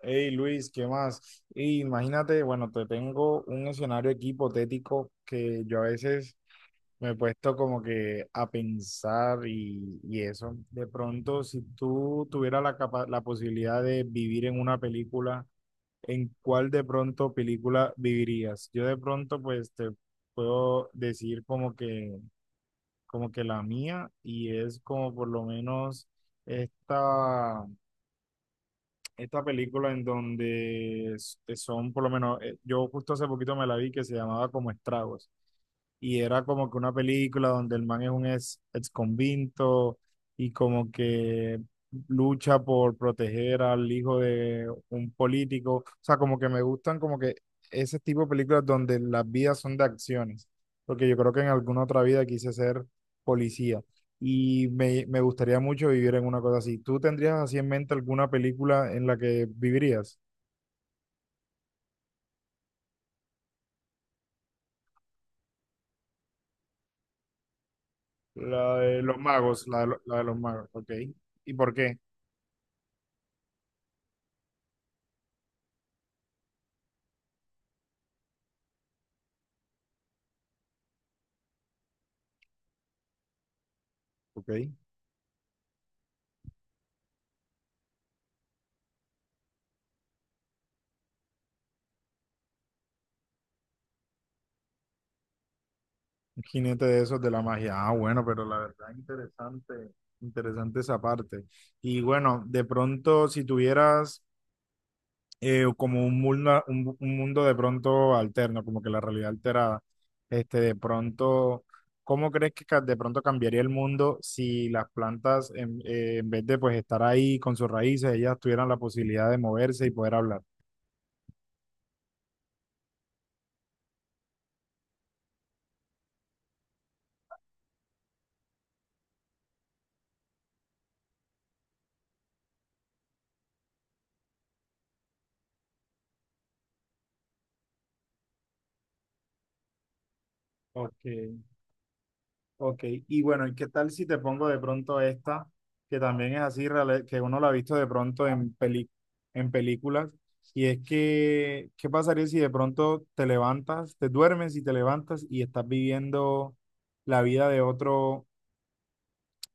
Hey Luis, ¿qué más? Y imagínate, bueno, te tengo un escenario aquí hipotético que yo a veces me he puesto como que a pensar y eso. De pronto, si tú tuvieras la posibilidad de vivir en una película, ¿en cuál de pronto película vivirías? Yo de pronto, pues te puedo decir como que la mía y es como por lo menos esta esta película en donde son, por lo menos, yo justo hace poquito me la vi, que se llamaba como Estragos. Y era como que una película donde el man es un ex convicto y como que lucha por proteger al hijo de un político. O sea, como que me gustan como que ese tipo de películas donde las vidas son de acciones, porque yo creo que en alguna otra vida quise ser policía y me gustaría mucho vivir en una cosa así. ¿Tú tendrías así en mente alguna película en la que vivirías? La de los magos, la de los magos, ok. ¿Y por qué? Ok, un jinete de esos de la magia. Ah, bueno, pero la verdad interesante, interesante esa parte. Y bueno, de pronto si tuvieras como un mundo, un mundo de pronto alterno, como que la realidad alterada. Este, de pronto, ¿cómo crees que de pronto cambiaría el mundo si las plantas, en vez de pues estar ahí con sus raíces, ellas tuvieran la posibilidad de moverse y poder hablar? Ok. Ok, y bueno, ¿y qué tal si te pongo de pronto esta, que también es así, que uno la ha visto de pronto en en películas, y es que qué pasaría si de pronto te levantas, te duermes y te levantas y estás viviendo la vida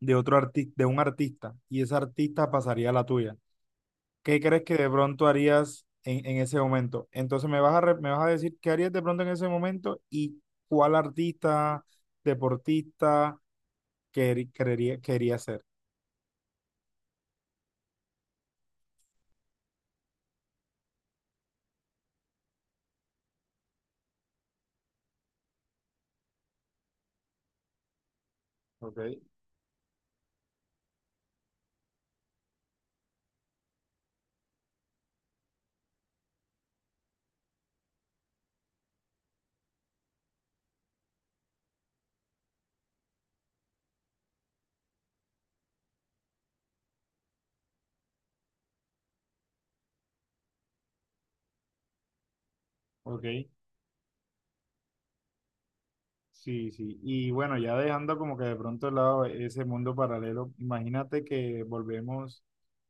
de otro artista, de un artista, y ese artista pasaría a la tuya? ¿Qué crees que de pronto harías en ese momento? Entonces me vas me vas a decir qué harías de pronto en ese momento y cuál artista, deportista quería hacer. Ok, ok, sí, sí. Y bueno, ya dejando como que de pronto de lado ese mundo paralelo, imagínate que volvemos,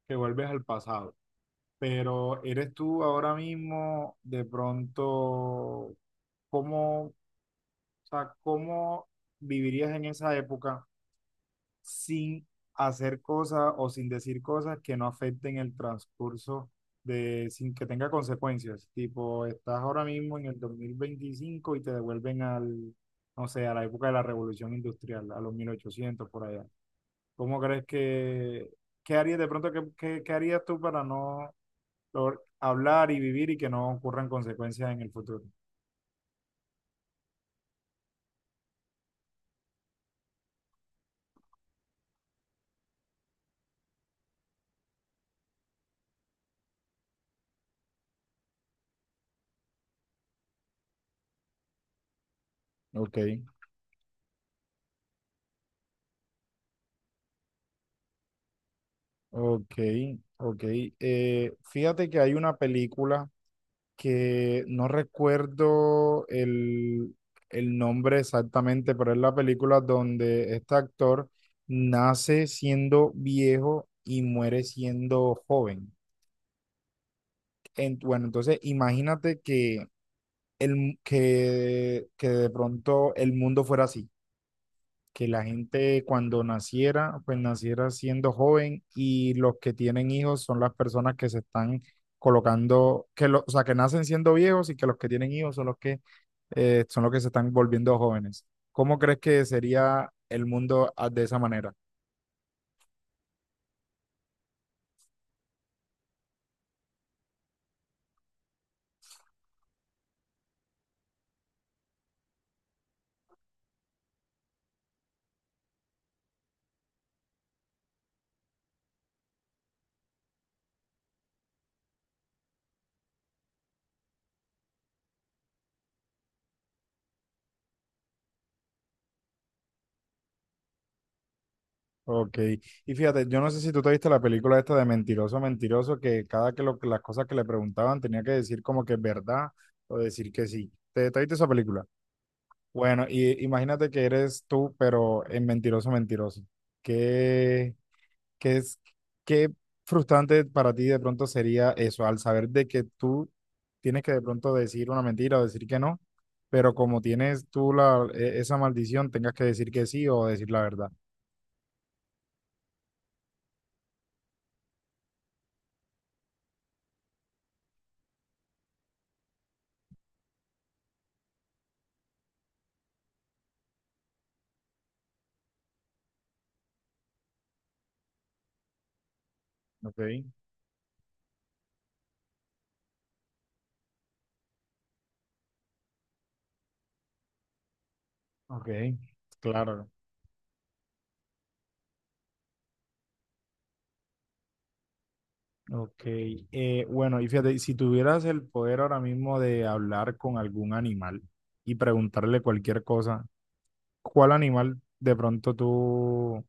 que vuelves al pasado, pero eres tú ahora mismo de pronto, ¿cómo, o sea, cómo vivirías en esa época, sin hacer cosas o sin decir cosas que no afecten el transcurso de, sin que tenga consecuencias? Tipo, estás ahora mismo en el 2025 y te devuelven al, no sé, a la época de la revolución industrial, a los 1800 por allá. ¿Cómo crees que, qué harías de pronto, qué harías tú para no lograr hablar y vivir y que no ocurran consecuencias en el futuro? Ok, ok, ok. Fíjate que hay una película que no recuerdo el nombre exactamente, pero es la película donde este actor nace siendo viejo y muere siendo joven. Bueno, entonces imagínate que, que de pronto el mundo fuera así, que la gente cuando naciera, pues naciera siendo joven, y los que tienen hijos son las personas que se están colocando, que lo, o sea, que nacen siendo viejos y que los que tienen hijos son los que se están volviendo jóvenes. ¿Cómo crees que sería el mundo de esa manera? Ok, y fíjate, yo no sé si tú te viste la película esta de Mentiroso, Mentiroso, que cada que las cosas que le preguntaban tenía que decir como que es verdad o decir que sí. ¿Te viste esa película? Bueno, y imagínate que eres tú, pero en Mentiroso, Mentiroso. ¿Qué, qué es, qué frustrante para ti de pronto sería eso, al saber de que tú tienes que de pronto decir una mentira o decir que no, pero como tienes tú esa maldición, tengas que decir que sí o decir la verdad? Ok, ok, claro. Ok, bueno, y fíjate, si tuvieras el poder ahora mismo de hablar con algún animal y preguntarle cualquier cosa, ¿cuál animal de pronto tú,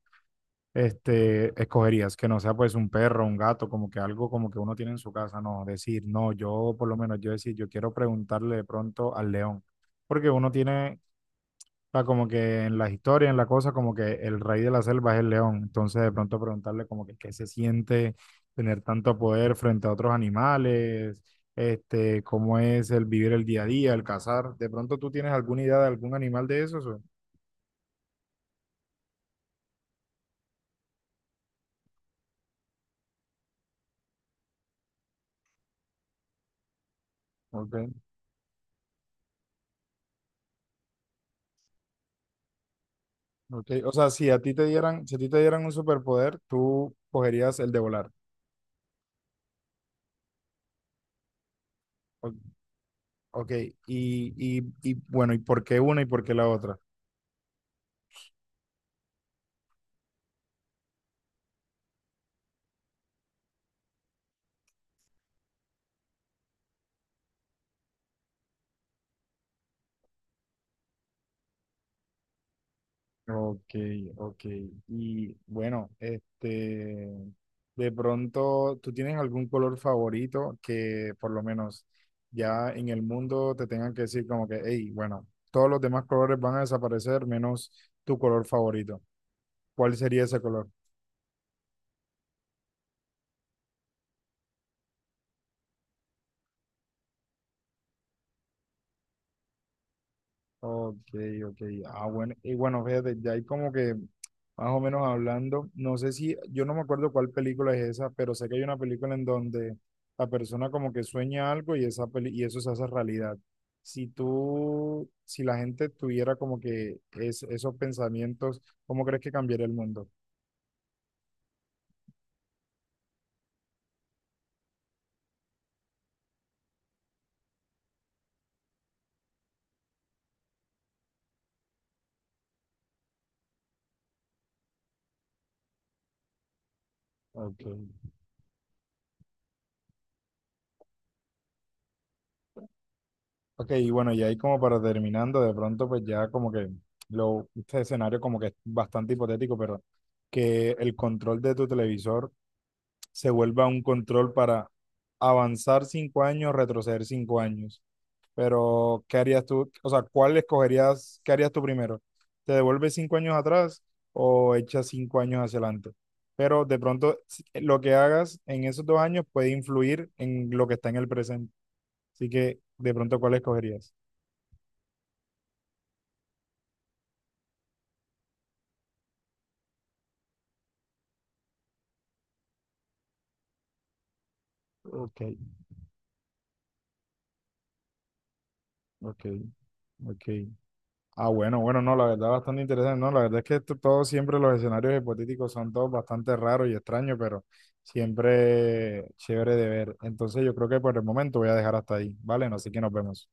este, escogerías? Que no sea pues un perro, un gato, como que algo como que uno tiene en su casa. No, decir, no, yo por lo menos yo decir, yo quiero preguntarle de pronto al león, porque uno tiene, o sea, como que en las historias, en la cosa, como que el rey de la selva es el león, entonces de pronto preguntarle como que qué se siente tener tanto poder frente a otros animales. Este, cómo es el vivir el día a día, el cazar. ¿De pronto tú tienes alguna idea de algún animal de esos? O- ok. Ok, o sea, si a ti te dieran, si a ti te dieran un superpoder, tú cogerías el de volar. O- ok, y bueno, ¿y por qué una y por qué la otra? Ok, ok. Y bueno, este, de pronto, ¿tú tienes algún color favorito, que por lo menos ya en el mundo te tengan que decir como que, hey, bueno, todos los demás colores van a desaparecer menos tu color favorito? ¿Cuál sería ese color? Ok, ok. Ah, bueno. Y bueno, fíjate, ya hay como que más o menos hablando. No sé si, yo no me acuerdo cuál película es esa, pero sé que hay una película en donde la persona como que sueña algo y esa y eso se hace realidad. Si tú, si la gente tuviera como que es, esos pensamientos, ¿cómo crees que cambiaría el mundo? Ok. Ok, y bueno, y ahí como para terminando, de pronto pues ya como que lo, este escenario como que es bastante hipotético, pero que el control de tu televisor se vuelva un control para avanzar 5 años, retroceder 5 años. Pero, ¿qué harías tú? O sea, ¿cuál escogerías? ¿Qué harías tú primero? ¿Te devuelves 5 años atrás o echas 5 años hacia adelante? Pero de pronto lo que hagas en esos 2 años puede influir en lo que está en el presente. Así que, de pronto, ¿cuál escogerías? Ok, ok, ok. Ah, bueno, bueno, no, la verdad bastante interesante, no, la verdad es que todos siempre los escenarios hipotéticos son todos bastante raros y extraños, pero siempre chévere de ver. Entonces yo creo que por el momento voy a dejar hasta ahí, ¿vale? No, así que nos vemos.